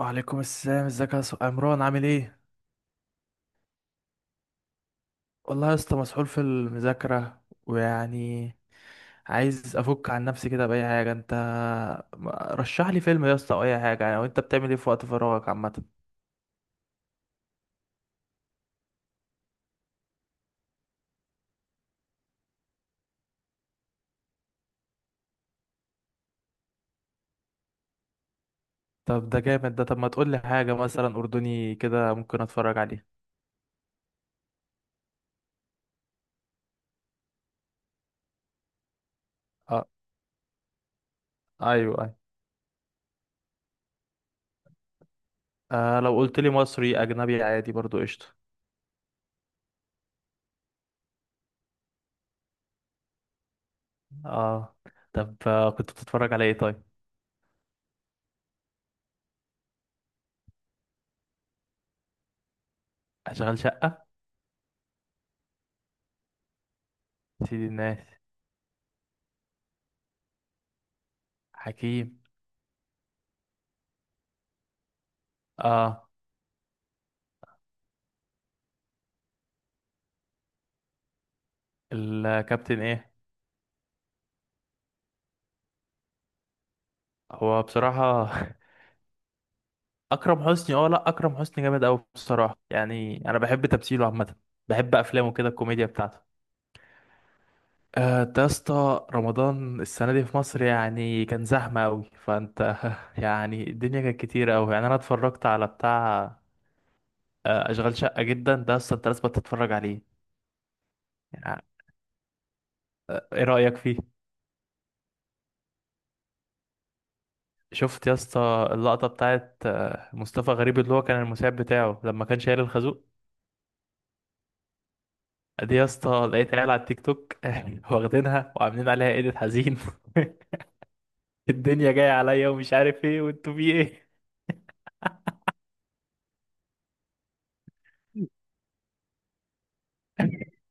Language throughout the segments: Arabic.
وعليكم السلام، ازيك يا عمران؟ عامل ايه؟ والله يا اسطى مسحول في المذاكره، ويعني عايز افك عن نفسي كده باي حاجه. انت رشح لي فيلم يا اسطى او اي حاجه يعني. وانت بتعمل ايه في وقت فراغك عامه؟ طب ده جامد ده. طب ما تقول لي حاجه مثلا اردني كده ممكن اتفرج عليه. اه، ايوه ايوه. آه لو قلت لي مصري اجنبي عادي برضو قشطه. اه. طب كنت بتتفرج على ايه طيب؟ اشغال شقه. سيدي الناس. حكيم. اه. الكابتن ايه؟ هو بصراحة أكرم حسني. اه لأ، أكرم حسني جامد أوي بصراحة، يعني أنا بحب تمثيله عامة. بحب أفلامه كده، الكوميديا بتاعته. أنت يا اسطى رمضان السنة دي في مصر يعني كان زحمة أوي، فأنت يعني الدنيا كانت كتيرة أوي. يعني أنا اتفرجت على بتاع أشغال شقة. جدا ده يا اسطى أنت لازم تتفرج عليه. يعني إيه رأيك فيه؟ شفت يا اسطى اللقطة بتاعت مصطفى غريب، اللي هو كان المساعد بتاعه لما كان شايل الخازوق؟ دي يا اسطى لقيت عيال على التيك توك واخدينها وعاملين عليها ايديت حزين. الدنيا جاية عليا ومش عارف ايه، وانتوا في ايه؟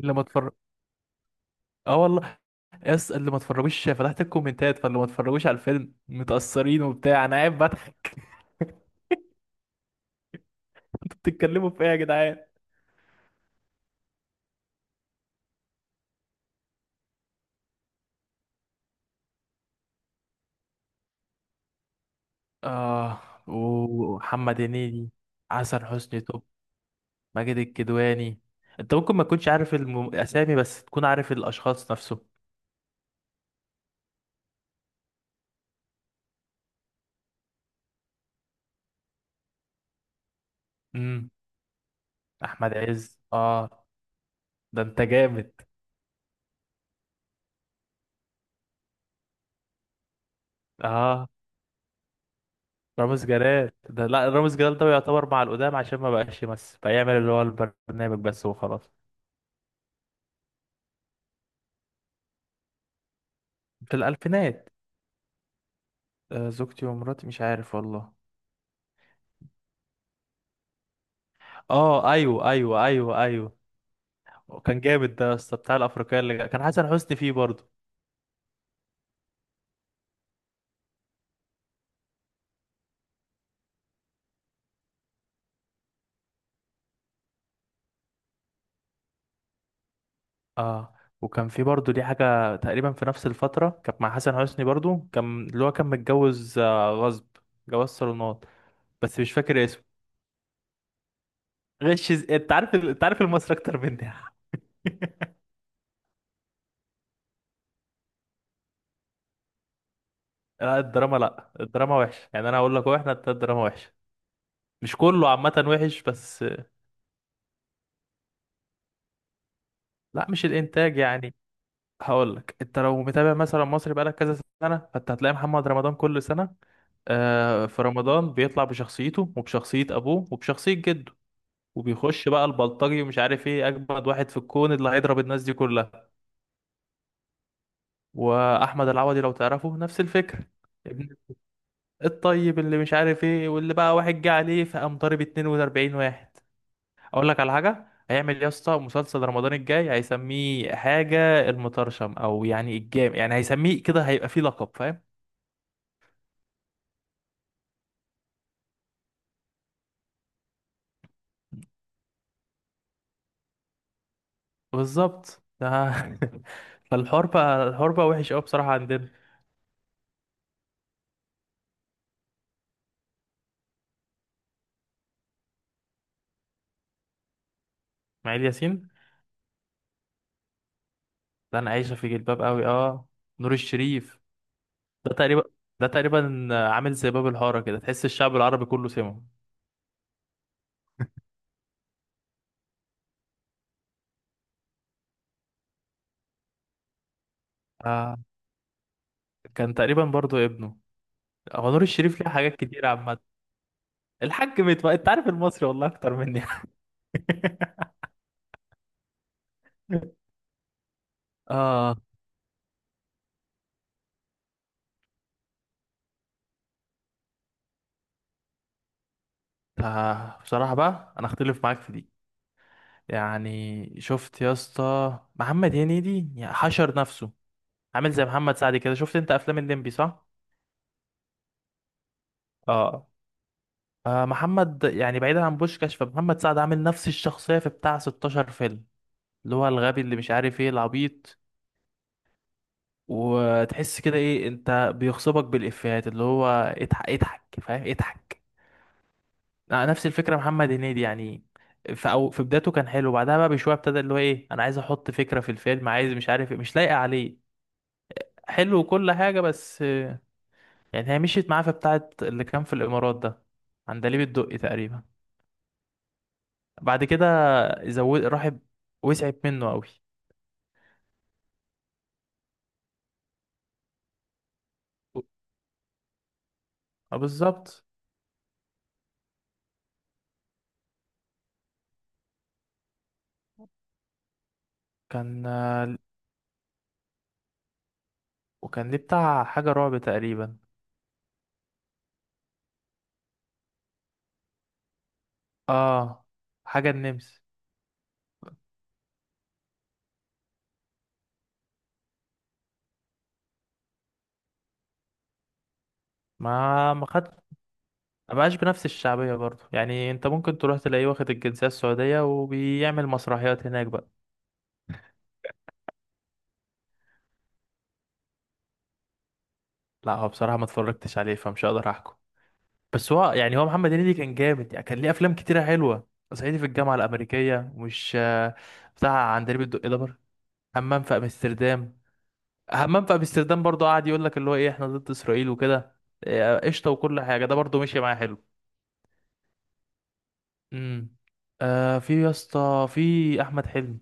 اللي ما اتفرج. اه والله، يا اسطى اللي ما اتفرجوش فتحت الكومنتات، فاللي ما اتفرجوش على الفيلم متأثرين وبتاع، انا قاعد بضحك. انتوا بتتكلموا في ايه يا جدعان؟ اه، ومحمد هنيدي. حسن حسني توب. ماجد الكدواني. انت ممكن ما تكونش عارف الاسامي، بس تكون عارف الاشخاص نفسه. امم. احمد عز، اه. ده انت جامد. اه. رامز جلال ده، لا رامز جلال ده يعتبر مع القدام، عشان ما بقاش يمثل، فيعمل اللي هو البرنامج بس وخلاص. في الألفينات. آه زوجتي ومراتي، مش عارف والله. اه ايوه ايوه ايوه ايوه. كان جامد ده يا اسطى، بتاع الافريقيه اللي كان حسن حسني فيه برضه. اه. وكان في برضه دي حاجه تقريبا في نفس الفتره كانت مع حسن حسني برضه، كان اللي هو كان متجوز غصب، جواز صالونات، بس مش فاكر اسمه. انت عارف انت عارف المصري اكتر مني. لا الدراما، لا الدراما وحشة. يعني انا هقول لك، هو احنا التلات دراما وحشة. مش كله عامة وحش بس. لا مش الانتاج يعني. هقول لك، انت لو متابع مثلا مصري بقالك كذا سنة، فانت هتلاقي محمد رمضان كل سنة آه في رمضان بيطلع بشخصيته وبشخصية ابوه وبشخصية جده، وبيخش بقى البلطجي ومش عارف ايه، اجمد واحد في الكون اللي هيضرب الناس دي كلها. واحمد العوضي لو تعرفه، نفس الفكرة. ابن الطيب اللي مش عارف ايه، واللي بقى واحد جه عليه فقام ضارب 42 واحد. اقول لك على حاجه، هيعمل إيه يا اسطى؟ مسلسل رمضان الجاي هيسميه حاجه المطرشم او يعني الجام، يعني هيسميه كده، هيبقى فيه لقب، فاهم؟ بالظبط ده. فالحوار بقى، الحوار بقى وحش قوي بصراحه عندنا. اسماعيل ياسين. ده انا عايشه في جلباب قوي، اه. نور الشريف. ده تقريبا، ده تقريبا عامل زي باب الحاره كده، تحس الشعب العربي كله سمعه. آه، كان تقريبا برضو ابنه. هو نور الشريف ليه حاجات كتير عامه. الحاج متولي. انت عارف المصري والله اكتر مني. اه. آه بصراحة بقى، أنا أختلف معاك في دي. يعني شفت يا اسطى محمد هنيدي، يعني حشر نفسه، عامل زي محمد سعد كده. شفت أنت أفلام الليمبي، صح؟ آه. آه محمد، يعني بعيدا عن بوشكاش، فمحمد سعد عامل نفس الشخصية في بتاع 16 فيلم، اللي هو الغبي اللي مش عارف إيه، العبيط. وتحس كده، إيه أنت بيغصبك بالإفيهات، اللي هو اضحك، اضحك، فاهم، اضحك. نفس الفكره محمد هنيدي، يعني في أو في بدايته كان حلو، بعدها بقى بشويه ابتدى اللي هو ايه، انا عايز احط فكره في الفيلم، عايز مش عارف إيه، مش لايقه عليه. حلو وكل حاجه، بس يعني هي مشيت معاه في بتاعه اللي كان في الامارات ده، عندليب الدقي تقريبا. بعد كده زود، راح وسعت منه قوي. اه بالظبط. كان وكان ليه بتاع حاجة رعب تقريبا. اه حاجة النمس. ما خدش، ما بقاش بنفس الشعبية برضه. يعني انت ممكن تروح تلاقيه واخد الجنسية السعودية، وبيعمل مسرحيات هناك بقى. لا هو بصراحة ما اتفرجتش عليه، فمش هقدر احكم. بس هو يعني، هو محمد هنيدي كان جامد، يعني كان ليه افلام كتيرة حلوة. صعيدي في الجامعة الأمريكية مش بتاع عندليب الدق دبر. همام في امستردام. همام في امستردام برضه قعد يقول لك اللي هو ايه، احنا ضد اسرائيل وكده. قشطة وكل حاجة، ده برضه مشي معاه حلو. امم. آه في يا اسطى في احمد حلمي.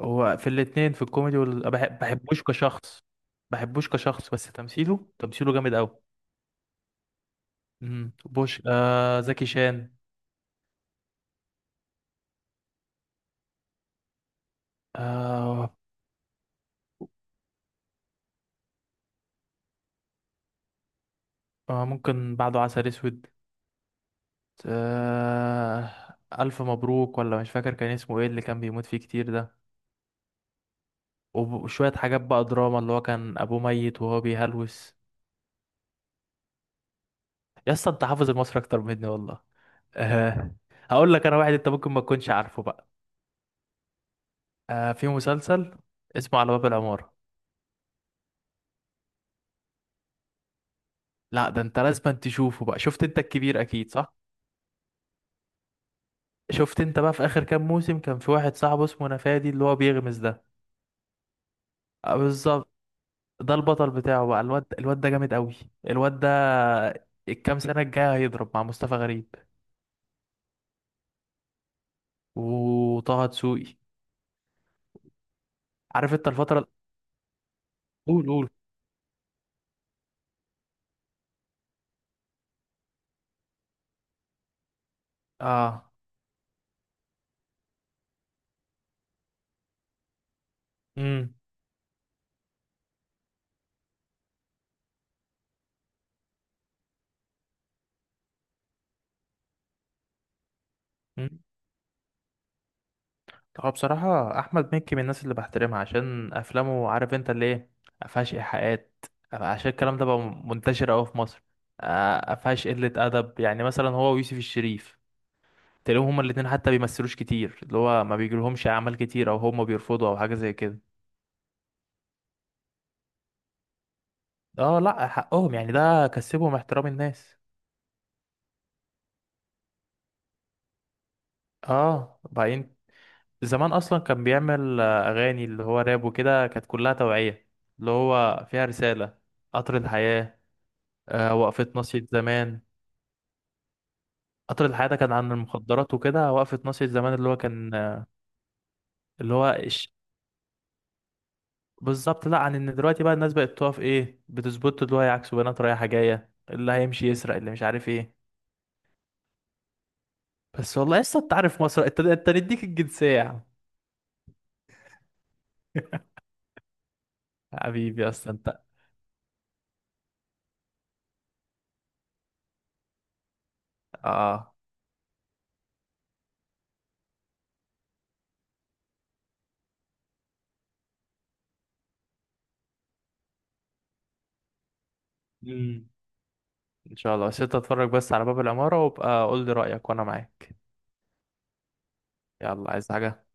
هو في الاتنين، في الكوميدي بحب بحبوش كشخص. بحبوش كشخص، بس تمثيله، تمثيله جامد قوي. بوش زكي شان. آه. آه ممكن بعده عسل اسود. آه. الف مبروك، ولا مش فاكر كان اسمه ايه اللي كان بيموت فيه كتير ده. وشوية حاجات بقى دراما، اللي هو كان ابوه ميت وهو بيهلوس. يا اسطى انت حافظ المصري اكتر مني والله. آه. هقول لك انا واحد انت ممكن ما تكونش عارفه بقى. آه في مسلسل اسمه على باب العمارة. لا ده انت لازم تشوفه بقى. شفت انت الكبير اكيد، صح؟ شفت انت بقى في اخر كام موسم، كان في واحد صاحبه اسمه نفادي، اللي هو بيغمز ده. اه بالظبط. ده البطل بتاعه بقى، الواد ده جامد قوي. الواد ده، الكام سنة الجاية هيضرب مع مصطفى غريب. وطه دسوقي. عارف انت الفترة؟ قول قول. اه. امم. امم. هو بصراحة أحمد مكي من الناس اللي بحترمها عشان أفلامه، عارف أنت اللي إيه، مفيهاش إيحاءات. عشان الكلام ده بقى منتشر أوي في مصر. مفيهاش قلة أدب، يعني مثلا هو ويوسف الشريف، تلاقيهم هما الاتنين حتى بيمثلوش كتير، اللي هو ما بيجيلهمش أعمال كتير، أو هما بيرفضوا أو حاجة زي كده. اه لأ، حقهم، يعني ده كسبهم احترام الناس. اه بعدين زمان أصلا كان بيعمل أغاني اللي هو راب وكده، كانت كلها توعية. اللي هو فيها رسالة. قطر الحياة. وقفة ناصية زمان. قطر الحياة ده كان عن المخدرات وكده، وقفة ناصية زمان اللي هو كان اللي هو إش... بالظبط. لا عن ان دلوقتي بقى الناس بقت تقف ايه، بتظبط اللي هو يعكسوا بنات رايحة جاية، اللي هيمشي يسرق، اللي مش عارف ايه. بس والله لسه انت عارف مصر، انت انت نديك الجنسية يا عم. حبيبي اصلا انت. اه. مم. ان شاء الله، بس انت اتفرج بس على باب العمارة وابقى قول لي رأيك وانا معاك. يلا عايز حاجة؟